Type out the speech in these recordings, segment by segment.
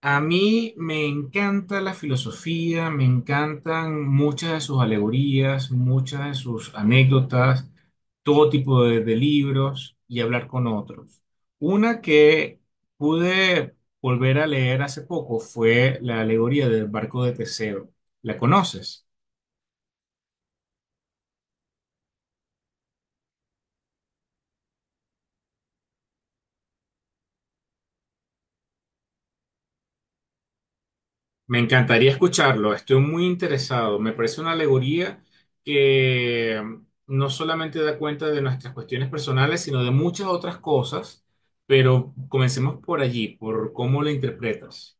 A mí me encanta la filosofía, me encantan muchas de sus alegorías, muchas de sus anécdotas, todo tipo de libros y hablar con otros. Una que pude volver a leer hace poco fue la alegoría del barco de Teseo. ¿La conoces? Me encantaría escucharlo, estoy muy interesado. Me parece una alegoría que no solamente da cuenta de nuestras cuestiones personales, sino de muchas otras cosas, pero comencemos por allí, por cómo lo interpretas.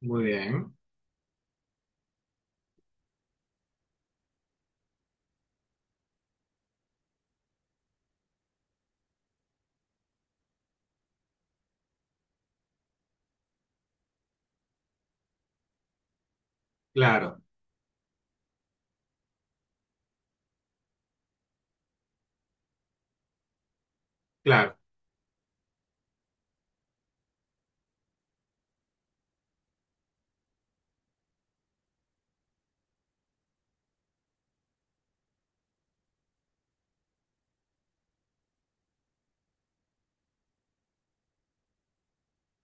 Muy bien, claro, claro.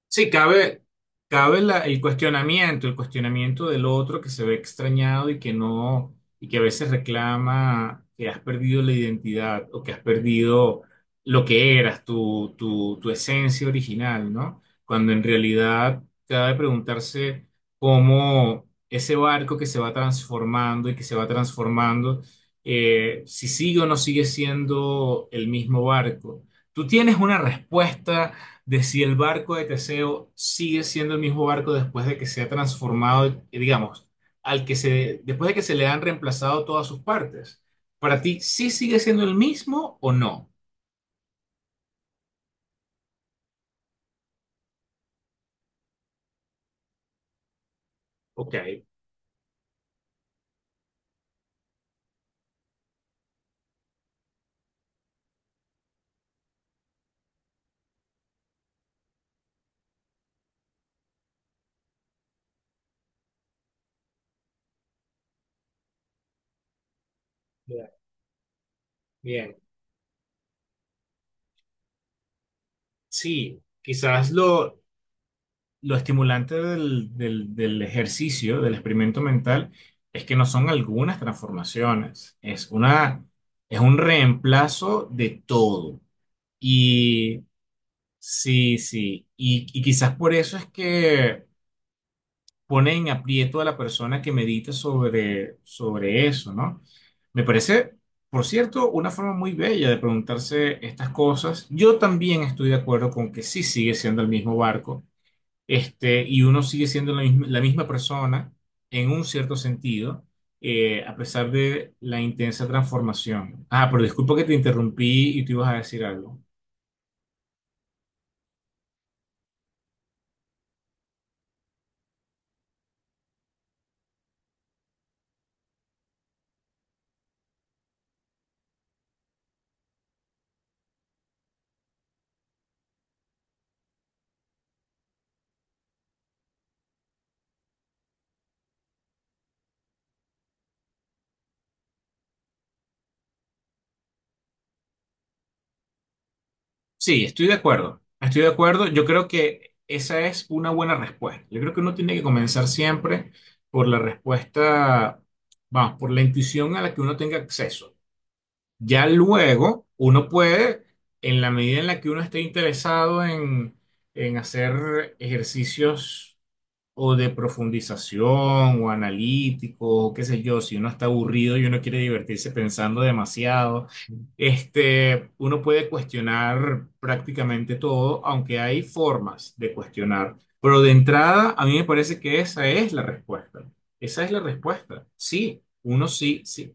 Sí, cabe el cuestionamiento, el cuestionamiento del otro que se ve extrañado y que no, y que a veces reclama que has perdido la identidad o que has perdido lo que eras, tu esencia original, ¿no? Cuando en realidad cabe preguntarse cómo ese barco que se va transformando y que se va transformando, si sigue o no sigue siendo el mismo barco. Tú tienes una respuesta de si el barco de Teseo sigue siendo el mismo barco después de que se ha transformado, digamos, al que se, después de que se le han reemplazado todas sus partes. Para ti, ¿sí sigue siendo el mismo o no? Ok. Bien, bien. Sí, quizás lo estimulante del ejercicio, del experimento mental, es que no son algunas transformaciones, es una, es un reemplazo de todo. Sí, sí. Y quizás por eso es que pone en aprieto a la persona que medita sobre, sobre eso, ¿no? Me parece, por cierto, una forma muy bella de preguntarse estas cosas. Yo también estoy de acuerdo con que sí sigue siendo el mismo barco, este, y uno sigue siendo la misma persona en un cierto sentido, a pesar de la intensa transformación. Ah, pero disculpa que te interrumpí y tú ibas a decir algo. Sí, estoy de acuerdo. Estoy de acuerdo. Yo creo que esa es una buena respuesta. Yo creo que uno tiene que comenzar siempre por la respuesta, vamos, por la intuición a la que uno tenga acceso. Ya luego uno puede, en la medida en la que uno esté interesado en hacer ejercicios o de profundización o analítico, o qué sé yo, si uno está aburrido y uno quiere divertirse pensando demasiado, este, uno puede cuestionar prácticamente todo, aunque hay formas de cuestionar. Pero de entrada, a mí me parece que esa es la respuesta. Esa es la respuesta. Sí, uno sí, sí,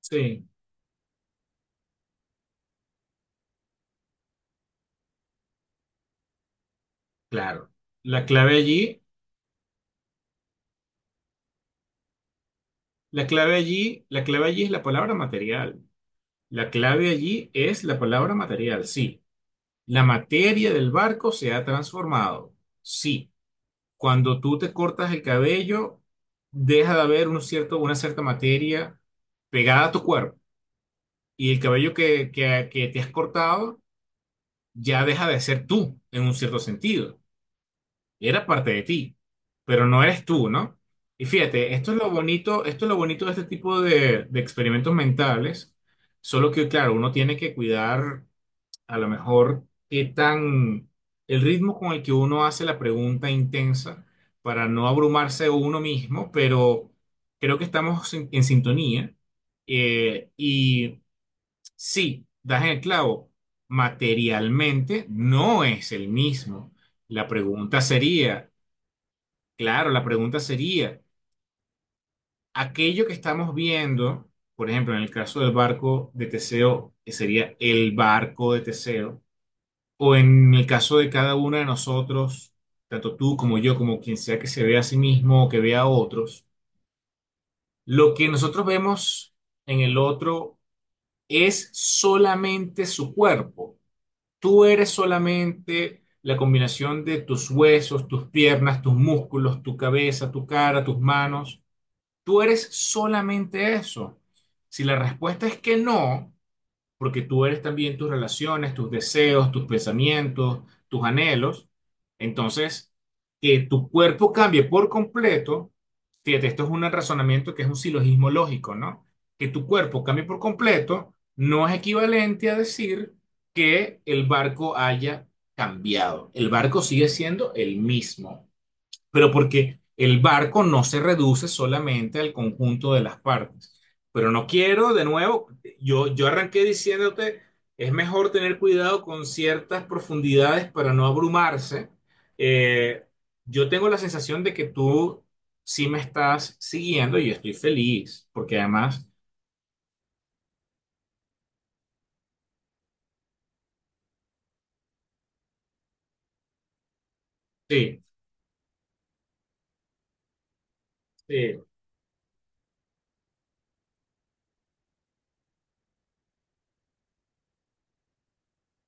sí, claro. La clave allí, la clave allí, la clave allí es la palabra material. La clave allí es la palabra material, sí. La materia del barco se ha transformado. Sí, cuando tú te cortas el cabello, deja de haber un cierto, una cierta materia pegada a tu cuerpo. Y el cabello que te has cortado ya deja de ser tú, en un cierto sentido. Era parte de ti, pero no eres tú, ¿no? Y fíjate, esto es lo bonito, esto es lo bonito de este tipo de experimentos mentales, solo que, claro, uno tiene que cuidar a lo mejor qué tan el ritmo con el que uno hace la pregunta intensa para no abrumarse uno mismo, pero creo que estamos en sintonía. Y sí, das en el clavo, materialmente no es el mismo. La pregunta sería, claro, la pregunta sería, aquello que estamos viendo, por ejemplo, en el caso del barco de Teseo, que sería el barco de Teseo, o en el caso de cada uno de nosotros, tanto tú como yo, como quien sea que se vea a sí mismo o que vea a otros, lo que nosotros vemos en el otro es solamente su cuerpo. Tú eres solamente la combinación de tus huesos, tus piernas, tus músculos, tu cabeza, tu cara, tus manos. Tú eres solamente eso. Si la respuesta es que no, porque tú eres también tus relaciones, tus deseos, tus pensamientos, tus anhelos. Entonces, que tu cuerpo cambie por completo, fíjate, esto es un razonamiento que es un silogismo lógico, ¿no? Que tu cuerpo cambie por completo no es equivalente a decir que el barco haya cambiado. El barco sigue siendo el mismo pero porque el barco no se reduce solamente al conjunto de las partes. Pero no quiero, de nuevo, yo arranqué diciéndote, es mejor tener cuidado con ciertas profundidades para no abrumarse. Eh, yo tengo la sensación de que tú sí me estás siguiendo y estoy feliz, porque además, sí, sí,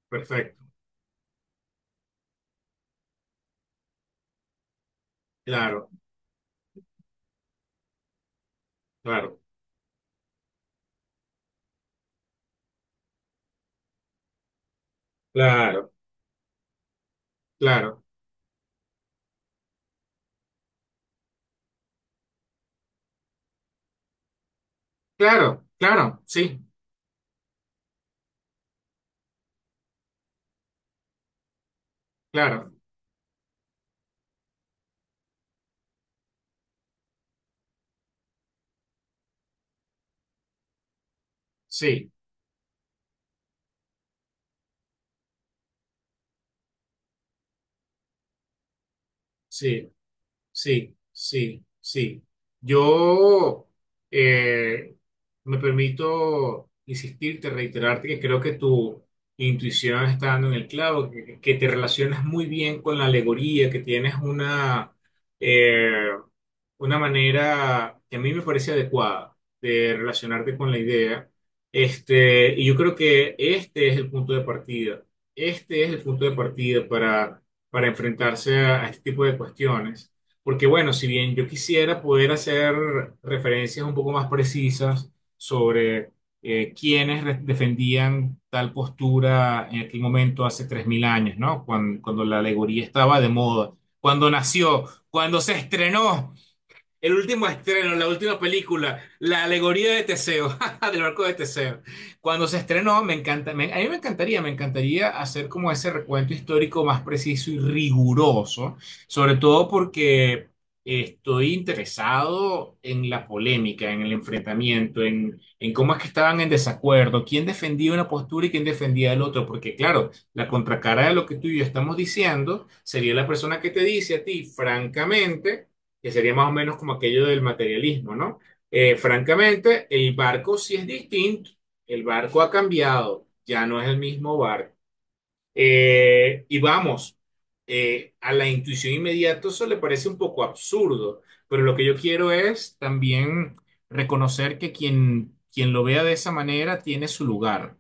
perfecto, claro, claro, claro, claro, claro, claro, sí, claro, sí, sí. Sí, sí, sí. Yo eh, me permito insistirte, reiterarte que creo que tu intuición está dando en el clavo, que te relacionas muy bien con la alegoría, que tienes eh, una manera que a mí me parece adecuada de relacionarte con la idea. Este, y yo creo que este es el punto de partida. Este es el punto de partida para enfrentarse a este tipo de cuestiones. Porque bueno, si bien yo quisiera poder hacer referencias un poco más precisas sobre defendían tal postura en aquel momento hace 3.000 años, ¿no? Cuando, cuando la alegoría estaba de moda, cuando nació, cuando se estrenó. El último estreno, la última película, la alegoría de Teseo, del barco de Teseo. Cuando se estrenó, me encanta, a mí me encantaría hacer como ese recuento histórico más preciso y riguroso, sobre todo porque estoy interesado en la polémica, en el enfrentamiento, en cómo es que estaban en desacuerdo, quién defendía una postura y quién defendía el otro, porque claro, la contracara de lo que tú y yo estamos diciendo sería la persona que te dice a ti, francamente que sería más o menos como aquello del materialismo, ¿no? Francamente, el barco sí es distinto, el barco ha cambiado, ya no es el mismo barco. Y vamos, a la intuición inmediata eso le parece un poco absurdo, pero lo que yo quiero es también reconocer que quien, quien lo vea de esa manera tiene su lugar,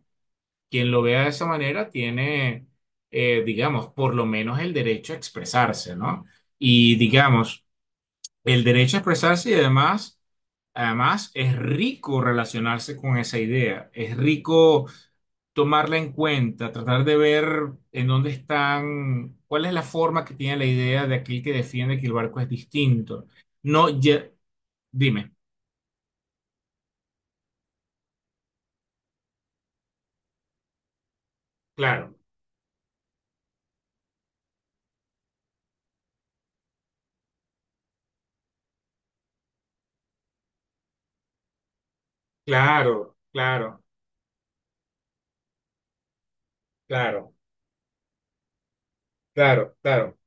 quien lo vea de esa manera tiene, digamos, por lo menos el derecho a expresarse, ¿no? Y digamos, el derecho a expresarse y además, además es rico relacionarse con esa idea, es rico tomarla en cuenta, tratar de ver en dónde están, cuál es la forma que tiene la idea de aquel que defiende que el barco es distinto. No, ya- dime. Claro, claro, claro, claro, claro, claro.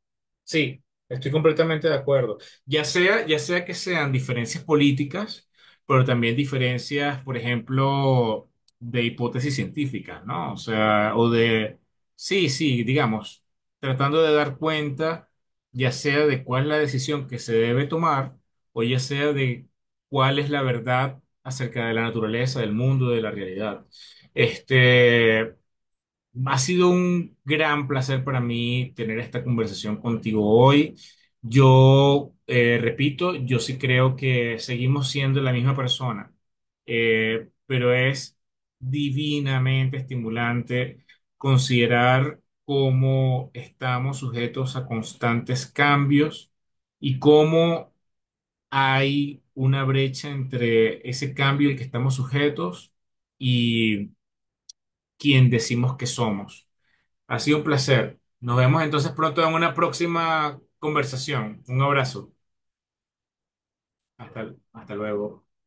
Sí, estoy completamente de acuerdo. Ya sea que sean diferencias políticas, pero también diferencias, por ejemplo, de hipótesis científicas, ¿no? O sea, o de, sí, sí, digamos, tratando de dar cuenta, ya sea de cuál es la decisión que se debe tomar, o ya sea de cuál es la verdad acerca de la naturaleza, del mundo, de la realidad. Este, ha sido un gran placer para mí tener esta conversación contigo hoy. Yo, repito, yo sí creo que seguimos siendo la misma persona, pero es divinamente estimulante considerar cómo estamos sujetos a constantes cambios y cómo hay una brecha entre ese cambio al que estamos sujetos y quien decimos que somos. Ha sido un placer. Nos vemos entonces pronto en una próxima conversación. Un abrazo. Hasta, hasta luego.